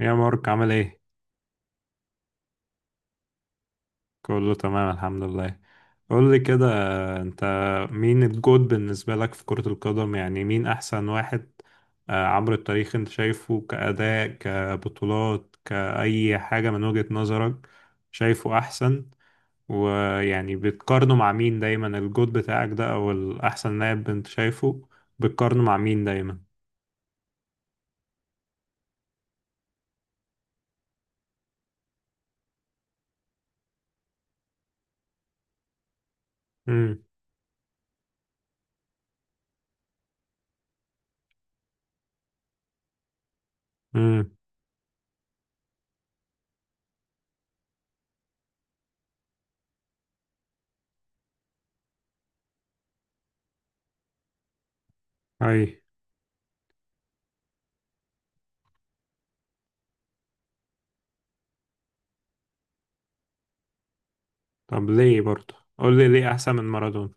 يا مارك عامل ايه؟ كله تمام الحمد لله. قول لي كده، انت مين الجود بالنسبة لك في كرة القدم؟ يعني مين احسن واحد عبر التاريخ؟ انت شايفه كأداء، كبطولات، كأي حاجة من وجهة نظرك، شايفه احسن؟ ويعني بتقارنه مع مين دايما الجود بتاعك ده او الاحسن لاعب انت شايفه؟ بتقارنه مع مين دايما؟ امم. امم. اي. طب ليه برضه؟ قول لي ليه احسن من مارادونا؟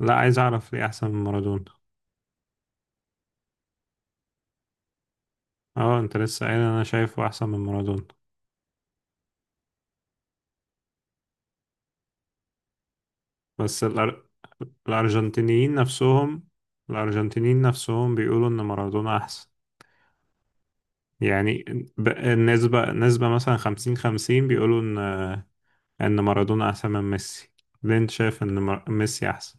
لا، عايز اعرف ليه احسن من مارادونا. اه انت لسه قايل انا شايفه احسن من مارادونا. بس الأر... الارجنتينيين نفسهم، الارجنتينيين نفسهم بيقولوا ان مارادونا احسن. يعني النسبة، نسبة مثلا خمسين خمسين بيقولوا ان، ان مارادونا احسن من ميسي. ليه انت شايف ان ميسي احسن؟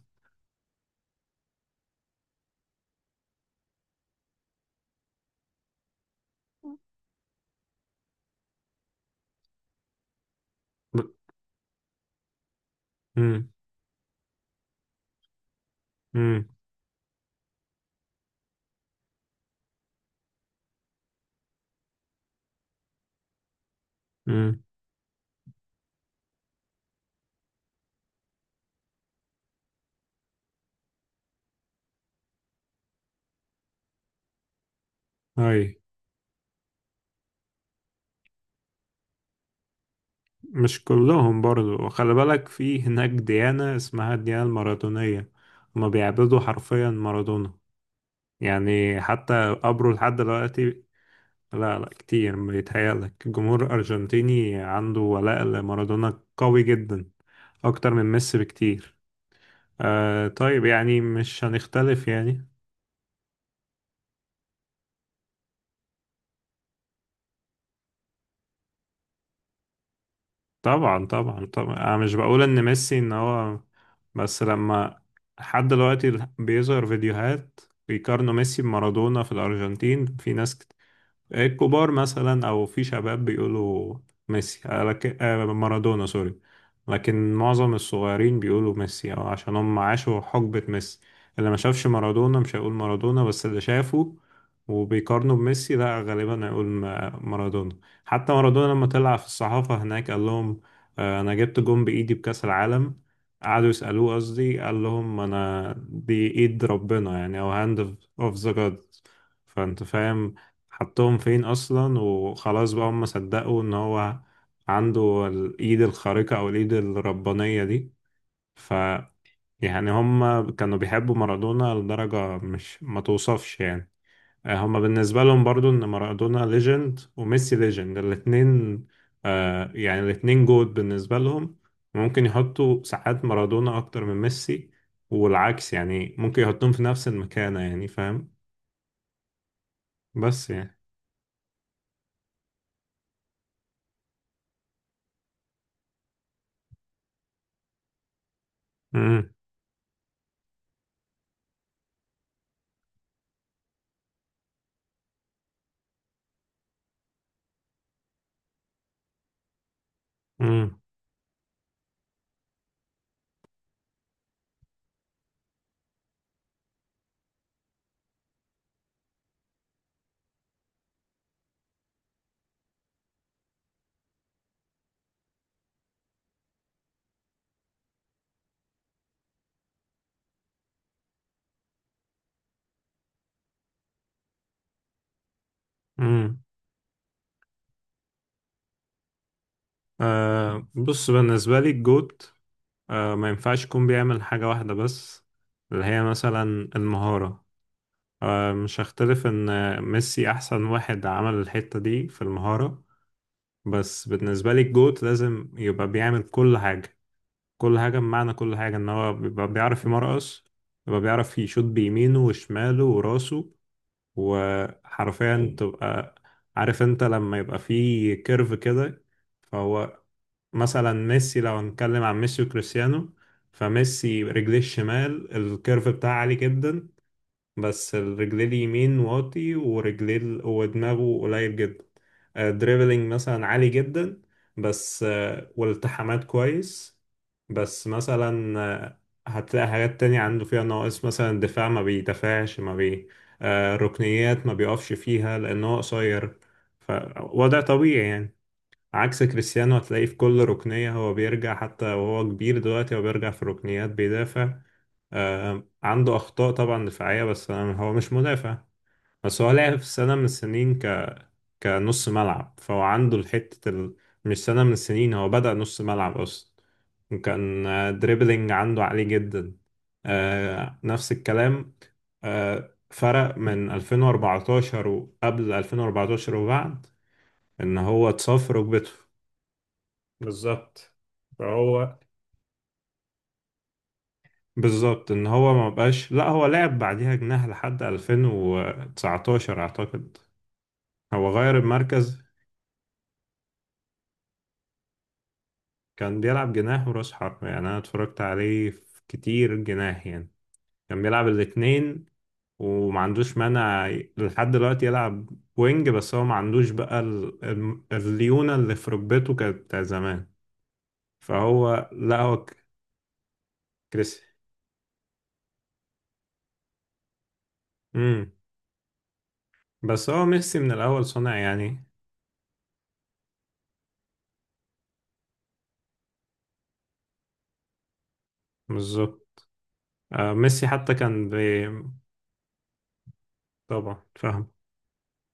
امم. امم. امم. اي. مش كلهم برضو، وخلي بالك في هناك ديانة اسمها الديانة المارادونية، هما بيعبدوا حرفيا مارادونا، يعني حتى قبره لحد دلوقتي. لا لا كتير، بيتهيألك. الجمهور الأرجنتيني عنده ولاء لمارادونا قوي جدا، أكتر من ميسي بكتير. آه طيب، يعني مش هنختلف يعني. طبعا طبعا طبعا، انا مش بقول ان ميسي ان هو، بس لما، لحد دلوقتي بيظهر فيديوهات بيقارنوا ميسي بمارادونا في الارجنتين، في ناس الكبار مثلا او في شباب بيقولوا ميسي لكن مارادونا سوري. لكن معظم الصغيرين بيقولوا ميسي، او عشان هم عاشوا حقبة ميسي. اللي ما شافش مارادونا مش هيقول مارادونا، بس اللي شافه وبيقارنوا بميسي لا غالبا هيقول مارادونا. حتى مارادونا لما طلع في الصحافة هناك قال لهم، انا جبت جون بايدي بكأس العالم، قعدوا يسألوه، قصدي قال لهم انا دي ايد ربنا يعني، او هاند اوف ذا جاد. فانت فاهم، حطهم فين اصلا، وخلاص بقى هم صدقوا ان هو عنده الايد الخارقة او الايد الربانية دي. ف يعني هم كانوا بيحبوا مارادونا لدرجة مش ما توصفش يعني. هم بالنسبة لهم برضو ان مارادونا ليجند وميسي ليجند الاتنين. آه يعني الاتنين جود بالنسبة لهم. ممكن يحطوا ساعات مارادونا اكتر من ميسي والعكس، يعني ممكن يحطهم في نفس المكانة يعني، فاهم؟ بس يعني. امم. امم. آه بص، بالنسبة لي الجوت، آه ما ينفعش يكون بيعمل حاجة واحدة بس، اللي هي مثلا المهارة. آه مش هختلف إن ميسي أحسن واحد عمل الحتة دي في المهارة، بس بالنسبة لي الجوت لازم يبقى بيعمل كل حاجة. كل حاجة بمعنى كل حاجة، إن هو بيبقى بيعرف يمرقص، بيبقى بيعرف يشوط بيمينه وشماله وراسه، وحرفيا تبقى عارف انت لما يبقى فيه كيرف كده. فهو مثلا، ميسي لو هنتكلم عن ميسي وكريستيانو، فميسي رجليه الشمال الكيرف بتاعه عالي جدا، بس الرجليه اليمين واطي، ورجليه ودماغه قليل جدا. دريبلينج مثلا عالي جدا، بس والالتحامات كويس. بس مثلا هتلاقي حاجات تانية عنده فيها نواقص، مثلا الدفاع ما بيدافعش ما بي ركنيات ما بيقفش فيها، لأن هو قصير، فوضع طبيعي يعني. عكس كريستيانو، هتلاقيه في كل ركنية هو بيرجع، حتى وهو كبير دلوقتي هو بيرجع في ركنيات بيدافع. عنده أخطاء طبعا دفاعية، هو مش مدافع. بس هو لعب في سنة من السنين كنص ملعب، فهو عنده الحتة مش سنة من السنين، هو بدأ نص ملعب أصلا. كان دريبلينج عنده عالي جدا. نفس الكلام، فرق من 2014، وقبل 2014 وبعد، ان هو اتصاب في ركبته. بالظبط. فهو، بالظبط ان هو ما بقاش، لا هو لعب بعديها جناح لحد 2019 اعتقد. هو غير المركز. كان بيلعب جناح وراس حربة، يعني انا اتفرجت عليه في كتير جناح يعني، كان بيلعب الاتنين وما عندوش مانع. لحد دلوقتي يلعب وينج، بس هو ما عندوش بقى الليونة اللي في ركبته كانت بتاع زمان. فهو لا هو كريس. امم. بس هو ميسي من الاول صنع يعني. بالظبط. ميسي حتى كان طبعا فاهم.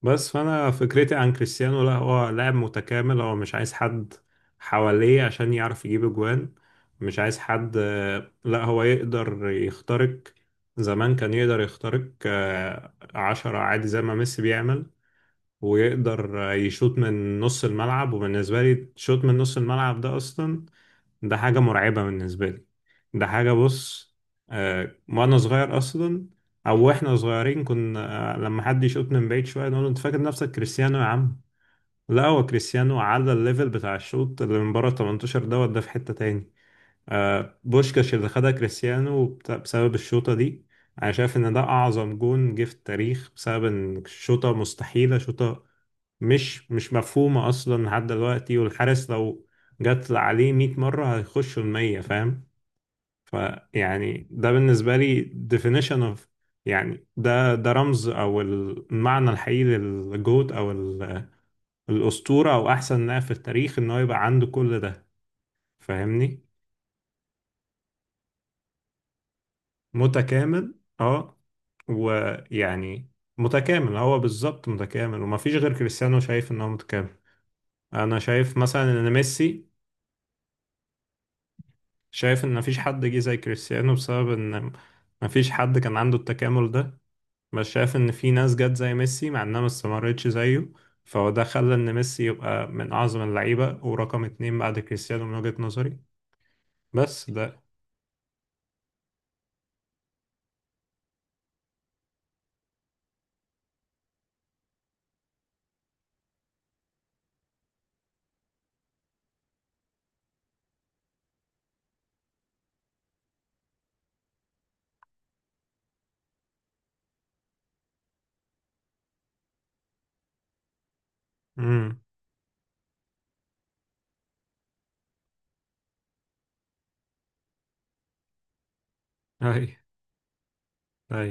بس فانا فكرتي عن كريستيانو، لا هو لاعب متكامل، هو مش عايز حد حواليه عشان يعرف يجيب اجوان. مش عايز حد، لا هو يقدر يخترق. زمان كان يقدر يخترق عشرة عادي زي ما ميسي بيعمل. ويقدر يشوط من نص الملعب، وبالنسبة لي شوط من نص الملعب ده أصلا ده حاجة مرعبة بالنسبة لي. ده حاجة، بص، آه وأنا صغير أصلا، أو وإحنا صغيرين كنا آه لما حد يشوط من بعيد شوية نقول له، أنت فاكر نفسك كريستيانو يا عم؟ لا هو كريستيانو على الليفل بتاع الشوط اللي من بره 18 دوت ده في حتة تاني. آه بوشكاش اللي خدها كريستيانو بسبب الشوطة دي، أنا شايف إن ده أعظم جون جه في التاريخ، بسبب إن الشوطة مستحيلة، شوطة مش، مش مفهومة أصلا لحد دلوقتي. والحارس لو جت عليه 100 مرة هيخشوا المية، فاهم؟ فيعني ده بالنسبة لي definition of، يعني ده ده رمز أو المعنى الحقيقي للجهد أو الأسطورة أو أحسن لاعب في التاريخ، إن هو يبقى عنده كل ده. فاهمني؟ متكامل أه. ويعني متكامل، هو بالظبط متكامل، ومفيش غير كريستيانو شايف إن هو متكامل. أنا شايف مثلا إن ميسي، شايف ان مفيش حد جه زي كريستيانو بسبب ان مفيش حد كان عنده التكامل ده. بس شايف ان في ناس جت زي ميسي، مع انها ما استمرتش زيه. فهو ده خلى ان ميسي يبقى من اعظم اللعيبة ورقم اتنين بعد كريستيانو من وجهة نظري. بس ده. امم. اي. اي.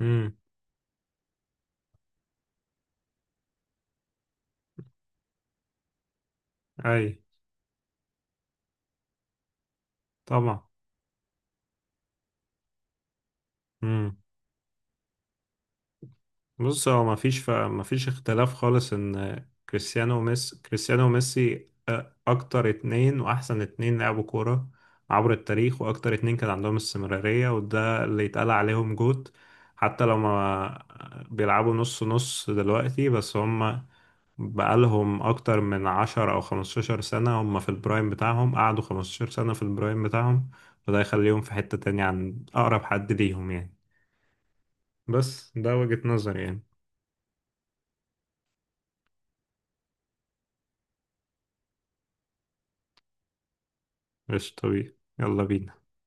امم. اي. طبعا. مم. بص هو ما فيش اختلاف خالص ان كريستيانو وميسي، كريستيانو وميسي اكتر اتنين واحسن اتنين لعبوا كورة عبر التاريخ، واكتر اتنين كان عندهم استمرارية، وده اللي يتقال عليهم جوت. حتى لو ما بيلعبوا نص نص دلوقتي، بس هم بقالهم اكتر من 10 او 15 سنة هم في البرايم بتاعهم، قعدوا 15 سنة في البرايم بتاعهم. فده يخليهم في حتة تانية عن اقرب حد ليهم يعني. بس ده وجهة نظري يعني. مش طبيعي، يلا بينا.